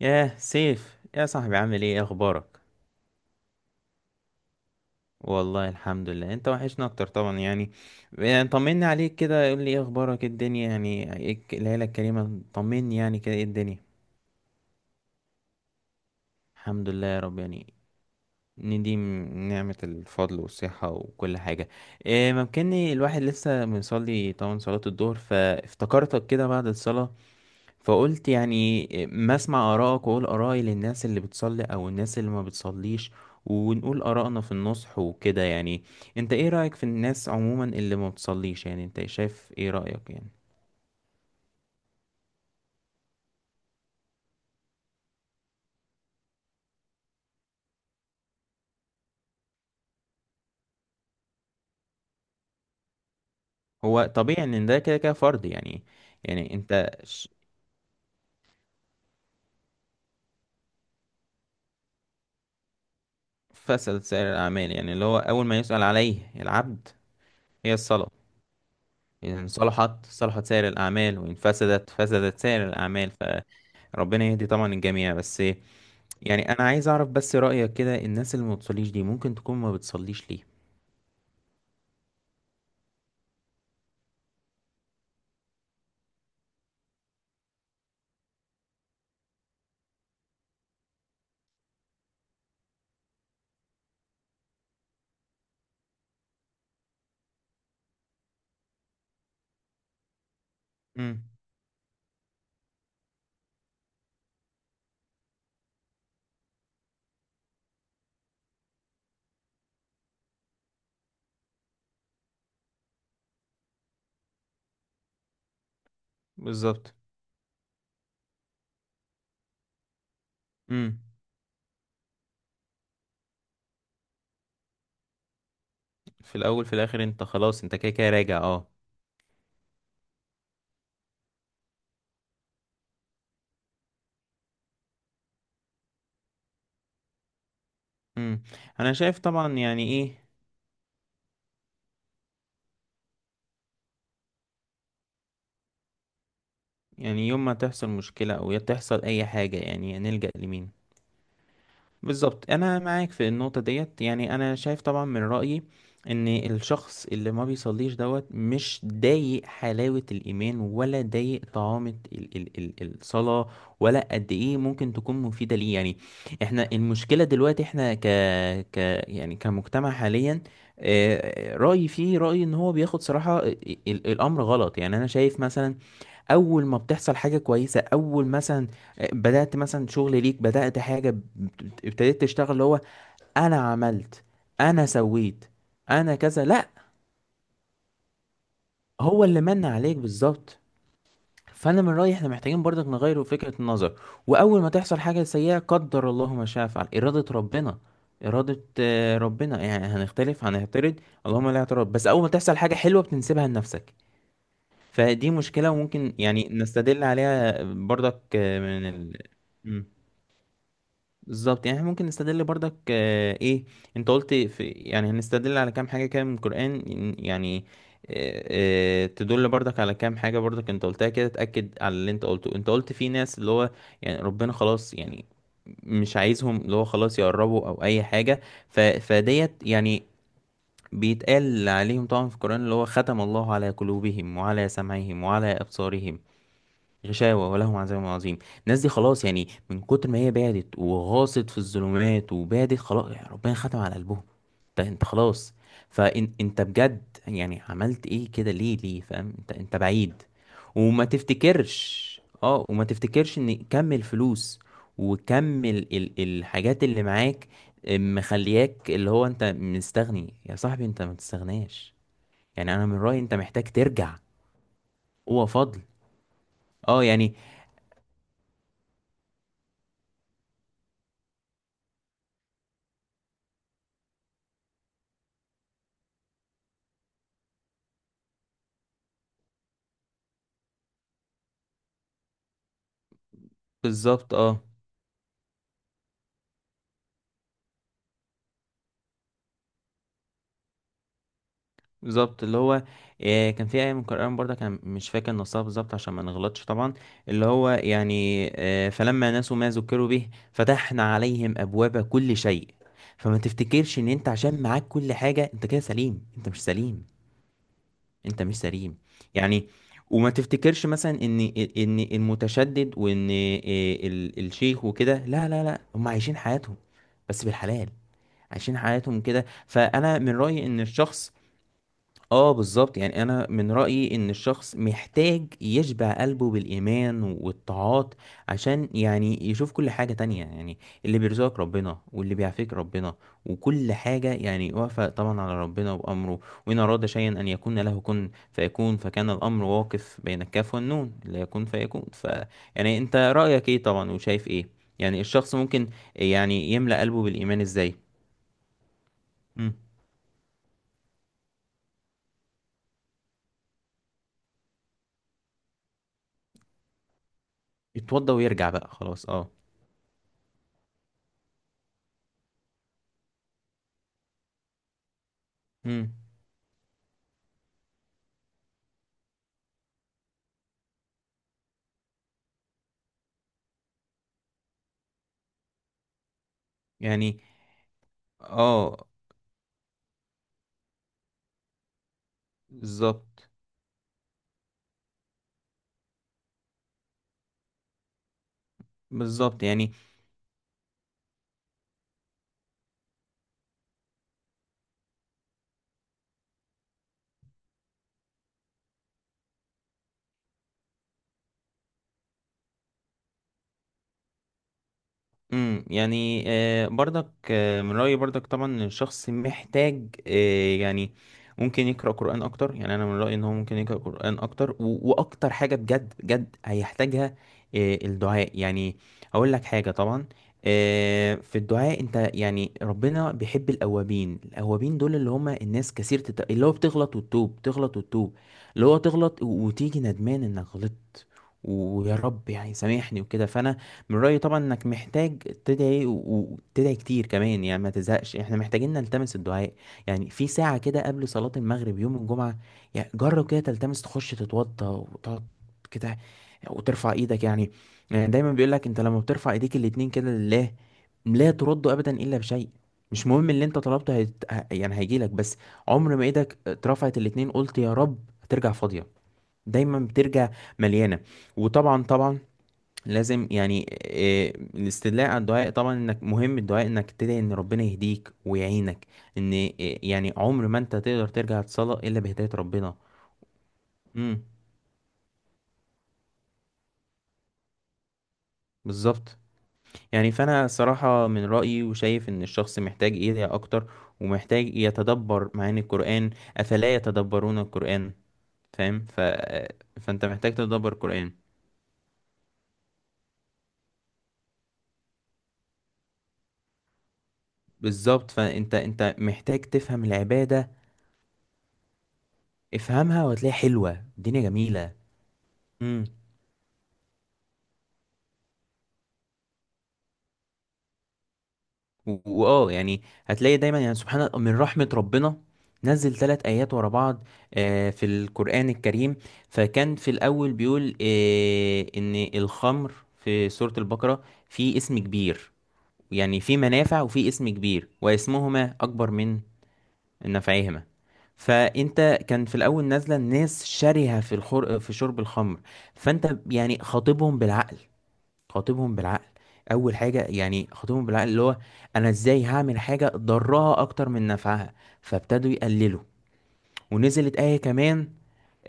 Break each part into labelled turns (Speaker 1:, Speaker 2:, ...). Speaker 1: ياه سيف، يا صاحبي، عامل ايه؟ اخبارك؟ والله الحمد لله، انت وحشنا اكتر طبعا يعني طمني عليك كده، قول لي ايه اخبارك، إيه الدنيا، يعني ايه العيله الكريمه، طمني يعني كده ايه الدنيا. الحمد لله يا رب يعني، نديم نعمه الفضل والصحه وكل حاجه. إيه ممكنني الواحد لسه مصلي طبعا صلاه الظهر، فافتكرتك كده بعد الصلاه، فقلت يعني ما اسمع آرائك وأقول آرائي للناس اللي بتصلي أو الناس اللي ما بتصليش، ونقول آرائنا في النصح وكده يعني. انت ايه رأيك في الناس عموما اللي ما بتصليش؟ يعني انت شايف ايه رأيك يعني؟ هو طبيعي ان ده كده كده فرض يعني. يعني فسد سائر الأعمال، يعني اللي هو أول ما يسأل عليه العبد هي الصلاة. إن صلحت صلحت سائر الأعمال، وإن فسدت فسدت سائر الأعمال. فربنا يهدي طبعا الجميع بس. يعني انا عايز اعرف بس رأيك كده، الناس اللي ما بتصليش دي ممكن تكون ما بتصليش ليه؟ امم. بالظبط. امم. في الاول في الاخر انت خلاص، انت كده كده راجع، اه. امم. انا شايف طبعا يعني ايه، يعني يوم ما تحصل مشكلة او يا تحصل اي حاجة يعني نلجأ لمين. بالظبط، انا معاك في النقطه ديت. يعني انا شايف طبعا من رايي ان الشخص اللي ما بيصليش دوت مش ضايق حلاوه الايمان، ولا ضايق طعامه ال ال ال الصلاه، ولا قد ايه ممكن تكون مفيده ليه يعني. احنا المشكله دلوقتي احنا ك ك يعني كمجتمع حاليا. رايي فيه، رايي ان هو بياخد صراحه الامر غلط. يعني انا شايف مثلا اول ما بتحصل حاجه كويسه، اول مثلا بدات مثلا شغل ليك، بدات حاجه، ابتديت تشتغل، اللي هو انا عملت، انا سويت، انا كذا، لا. هو اللي من عليك بالظبط. فانا من رايي احنا محتاجين برضك نغير فكره النظر. واول ما تحصل حاجه سيئه قدر الله ما شاء فعل، اراده ربنا، اراده ربنا، يعني هنختلف، هنعترض؟ اللهم لا اعتراض. بس اول ما تحصل حاجه حلوه بتنسبها لنفسك. فدي مشكله، وممكن يعني نستدل عليها برضك من ال... بالظبط. يعني احنا ممكن نستدل برضك ايه، انت قلت في يعني هنستدل على كام حاجة كده من القرآن، يعني آه، تدل برضك على كام حاجة برضك، انت قلتها كده تأكد على اللي انت قلته. انت قلت في ناس اللي هو يعني ربنا خلاص يعني مش عايزهم، اللي هو خلاص يقربوا او اي حاجة. فديت يعني، بيتقال عليهم طبعا في القرآن اللي هو ختم الله على قلوبهم وعلى سمعهم وعلى أبصارهم غشاوة ولهم عذاب عظيم. الناس دي خلاص يعني من كتر ما هي بعدت وغاصت في الظلمات وبعدت، خلاص يعني ربنا ختم على قلبهم. انت انت خلاص. فانت بجد يعني عملت ايه كده؟ ليه ليه؟ فاهم؟ انت انت بعيد. وما تفتكرش، اه، وما تفتكرش ان كم الفلوس وكم ال ال الحاجات اللي معاك مخلياك اللي هو انت مستغني. يا صاحبي، انت ما تستغناش. يعني انا من رأيي انت محتاج ترجع. هو فضل، اه، يعني بالظبط، اه، بالظبط. اللي هو كان في آية من القرآن برضه، كان مش فاكر نصها بالظبط عشان ما نغلطش طبعا. اللي هو يعني فلما نسوا ما ذكروا به فتحنا عليهم أبواب كل شيء. فما تفتكرش إن أنت عشان معاك كل حاجة أنت كده سليم. أنت مش سليم. أنت مش سليم. يعني وما تفتكرش مثلا إن إن المتشدد وإن الشيخ وكده، لا لا لا، هم عايشين حياتهم، بس بالحلال. عايشين حياتهم كده. فأنا من رأيي إن الشخص، اه بالظبط. يعني انا من رأيي ان الشخص محتاج يشبع قلبه بالايمان والطاعات، عشان يعني يشوف كل حاجة تانية يعني اللي بيرزقك ربنا، واللي بيعافيك ربنا، وكل حاجة يعني واقفة طبعا على ربنا وامره. وان اراد شيئا ان يكون له كن فيكون، فكان الامر واقف بين الكاف والنون، لا يكون فيكون، يعني انت رأيك ايه طبعا، وشايف ايه يعني الشخص ممكن يعني يملأ قلبه بالايمان ازاي؟ مم. يتوضى ويرجع بقى، خلاص، اه. مم. يعني اه بالظبط، بالظبط يعني. يعني برضك من رأيي برضك طبعا إن الشخص محتاج، يعني ممكن يقرأ قرآن أكتر. يعني أنا من رأيي إن هو ممكن يقرأ قرآن أكتر، وأكتر حاجة بجد بجد هيحتاجها الدعاء. يعني أقول لك حاجة طبعا، في الدعاء أنت يعني ربنا بيحب الأوابين. الأوابين دول اللي هم الناس كثير اللي هو بتغلط وتتوب، تغلط وتتوب، اللي هو تغلط وتيجي ندمان إنك غلطت، ويا رب يعني سامحني وكده. فأنا من رأيي طبعا انك محتاج تدعي، وتدعي كتير كمان، يعني ما تزهقش. احنا محتاجين نلتمس الدعاء، يعني في ساعة كده قبل صلاة المغرب يوم الجمعة. يعني جرب كده تلتمس، تخش تتوضى وتقعد كده، وترفع ايدك يعني. يعني دايما بيقولك انت لما بترفع ايديك الاتنين كده لله، لا ترد ابدا الا بشيء. مش مهم اللي انت طلبته يعني هيجيلك، بس عمر ما ايدك اترفعت الاتنين قلت يا رب هترجع فاضية. دايما بترجع مليانة. وطبعا طبعا لازم يعني الاستدلاء على الدعاء طبعا، انك مهم الدعاء انك تدعي ان ربنا يهديك ويعينك، ان يعني عمر ما انت تقدر ترجع تصلى الا بهداية ربنا. امم. بالظبط. يعني فانا صراحة من رأيي وشايف ان الشخص محتاج يدعي اكتر، ومحتاج يتدبر معاني القرآن. افلا يتدبرون القرآن. فاهم؟ ف... آه، فانت محتاج تتدبر القرآن. بالظبط، فانت انت محتاج تفهم العبادة. افهمها وهتلاقيها حلوة، الدنيا جميلة. و- واه يعني هتلاقي دايما يعني سبحان الله من رحمة ربنا نزل ثلاث آيات ورا بعض في القرآن الكريم. فكان في الأول بيقول إن الخمر، في سورة البقرة، في اسم كبير، يعني في منافع وفي اسم كبير، واسمهما أكبر من نفعهما. فأنت كان في الأول نازلة، الناس شرهة في في شرب الخمر، فأنت يعني خاطبهم بالعقل، خاطبهم بالعقل. اول حاجه يعني خاطبهم بالعقل اللي هو انا ازاي هعمل حاجه ضرها اكتر من نفعها؟ فابتدوا يقللوا، ونزلت ايه كمان،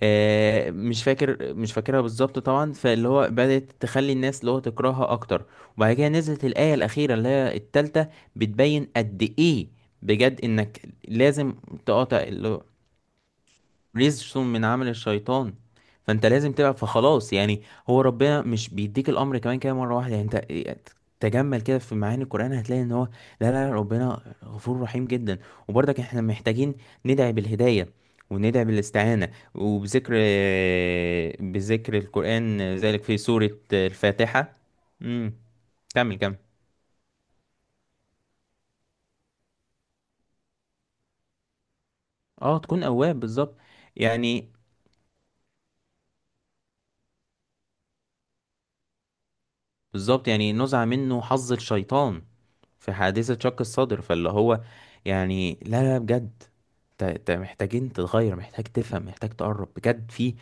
Speaker 1: مش فاكر، مش فاكرها بالظبط طبعا، فاللي هو بدأت تخلي الناس اللي هو تكرهها اكتر. وبعد كده نزلت الآية الأخيرة اللي هي التالتة، بتبين قد ايه بجد انك لازم تقاطع. رزق من عمل الشيطان. فانت لازم تبقى، فخلاص يعني، هو ربنا مش بيديك الامر كمان كده مره واحده. يعني انت تجمل كده في معاني القران هتلاقي ان هو لا لا لا، ربنا غفور رحيم جدا. وبرضك احنا محتاجين ندعي بالهدايه، وندعي بالاستعانه، وبذكر، بذكر القران، ذلك في سوره الفاتحه. امم. كمل كمل، اه، تكون اواب بالظبط. يعني بالظبط يعني نزع منه حظ الشيطان في حادثة شق الصدر. فاللي هو يعني لا لا بجد، انت انت محتاجين تتغير، محتاج تفهم، محتاج تقرب بجد، في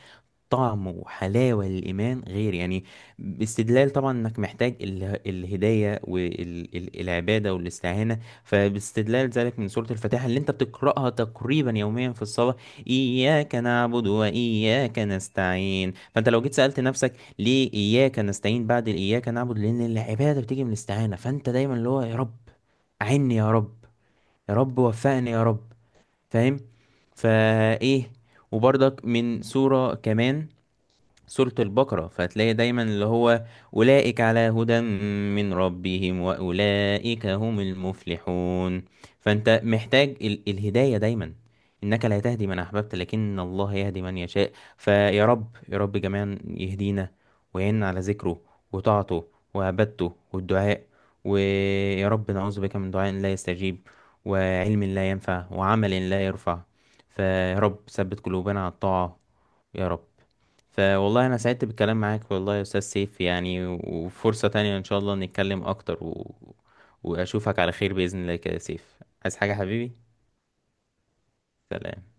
Speaker 1: طعم وحلاوة للإيمان غير يعني. باستدلال طبعا إنك محتاج الهداية والعبادة والاستعانة. فباستدلال ذلك من سورة الفاتحة اللي أنت بتقرأها تقريبا يوميا في الصلاة، إياك نعبد وإياك نستعين. فأنت لو جيت سألت نفسك ليه إياك نستعين بعد الإياك نعبد؟ لأن العبادة بتيجي من الاستعانة. فأنت دايما اللي هو يا رب أعني، يا رب، يا رب وفقني يا رب. فاهم؟ فإيه، وبرضك من سورة كمان، سورة البقرة، فهتلاقي دايما اللي هو أولئك على هدى من ربهم وأولئك هم المفلحون. فأنت محتاج الهداية دايما. إنك لا تهدي من أحببت لكن الله يهدي من يشاء. فيا رب، يا رب جميعا يهدينا ويعيننا على ذكره وطاعته وعبادته والدعاء. ويا رب نعوذ بك من دعاء لا يستجيب، وعلم لا ينفع، وعمل لا يرفع. فيا رب ثبت قلوبنا على الطاعة يا رب. فوالله أنا سعدت بالكلام معاك والله يا أستاذ سيف، يعني وفرصة تانية إن شاء الله نتكلم أكتر، وأشوفك على خير بإذن الله كده يا سيف. عايز حاجة حبيبي؟ سلام.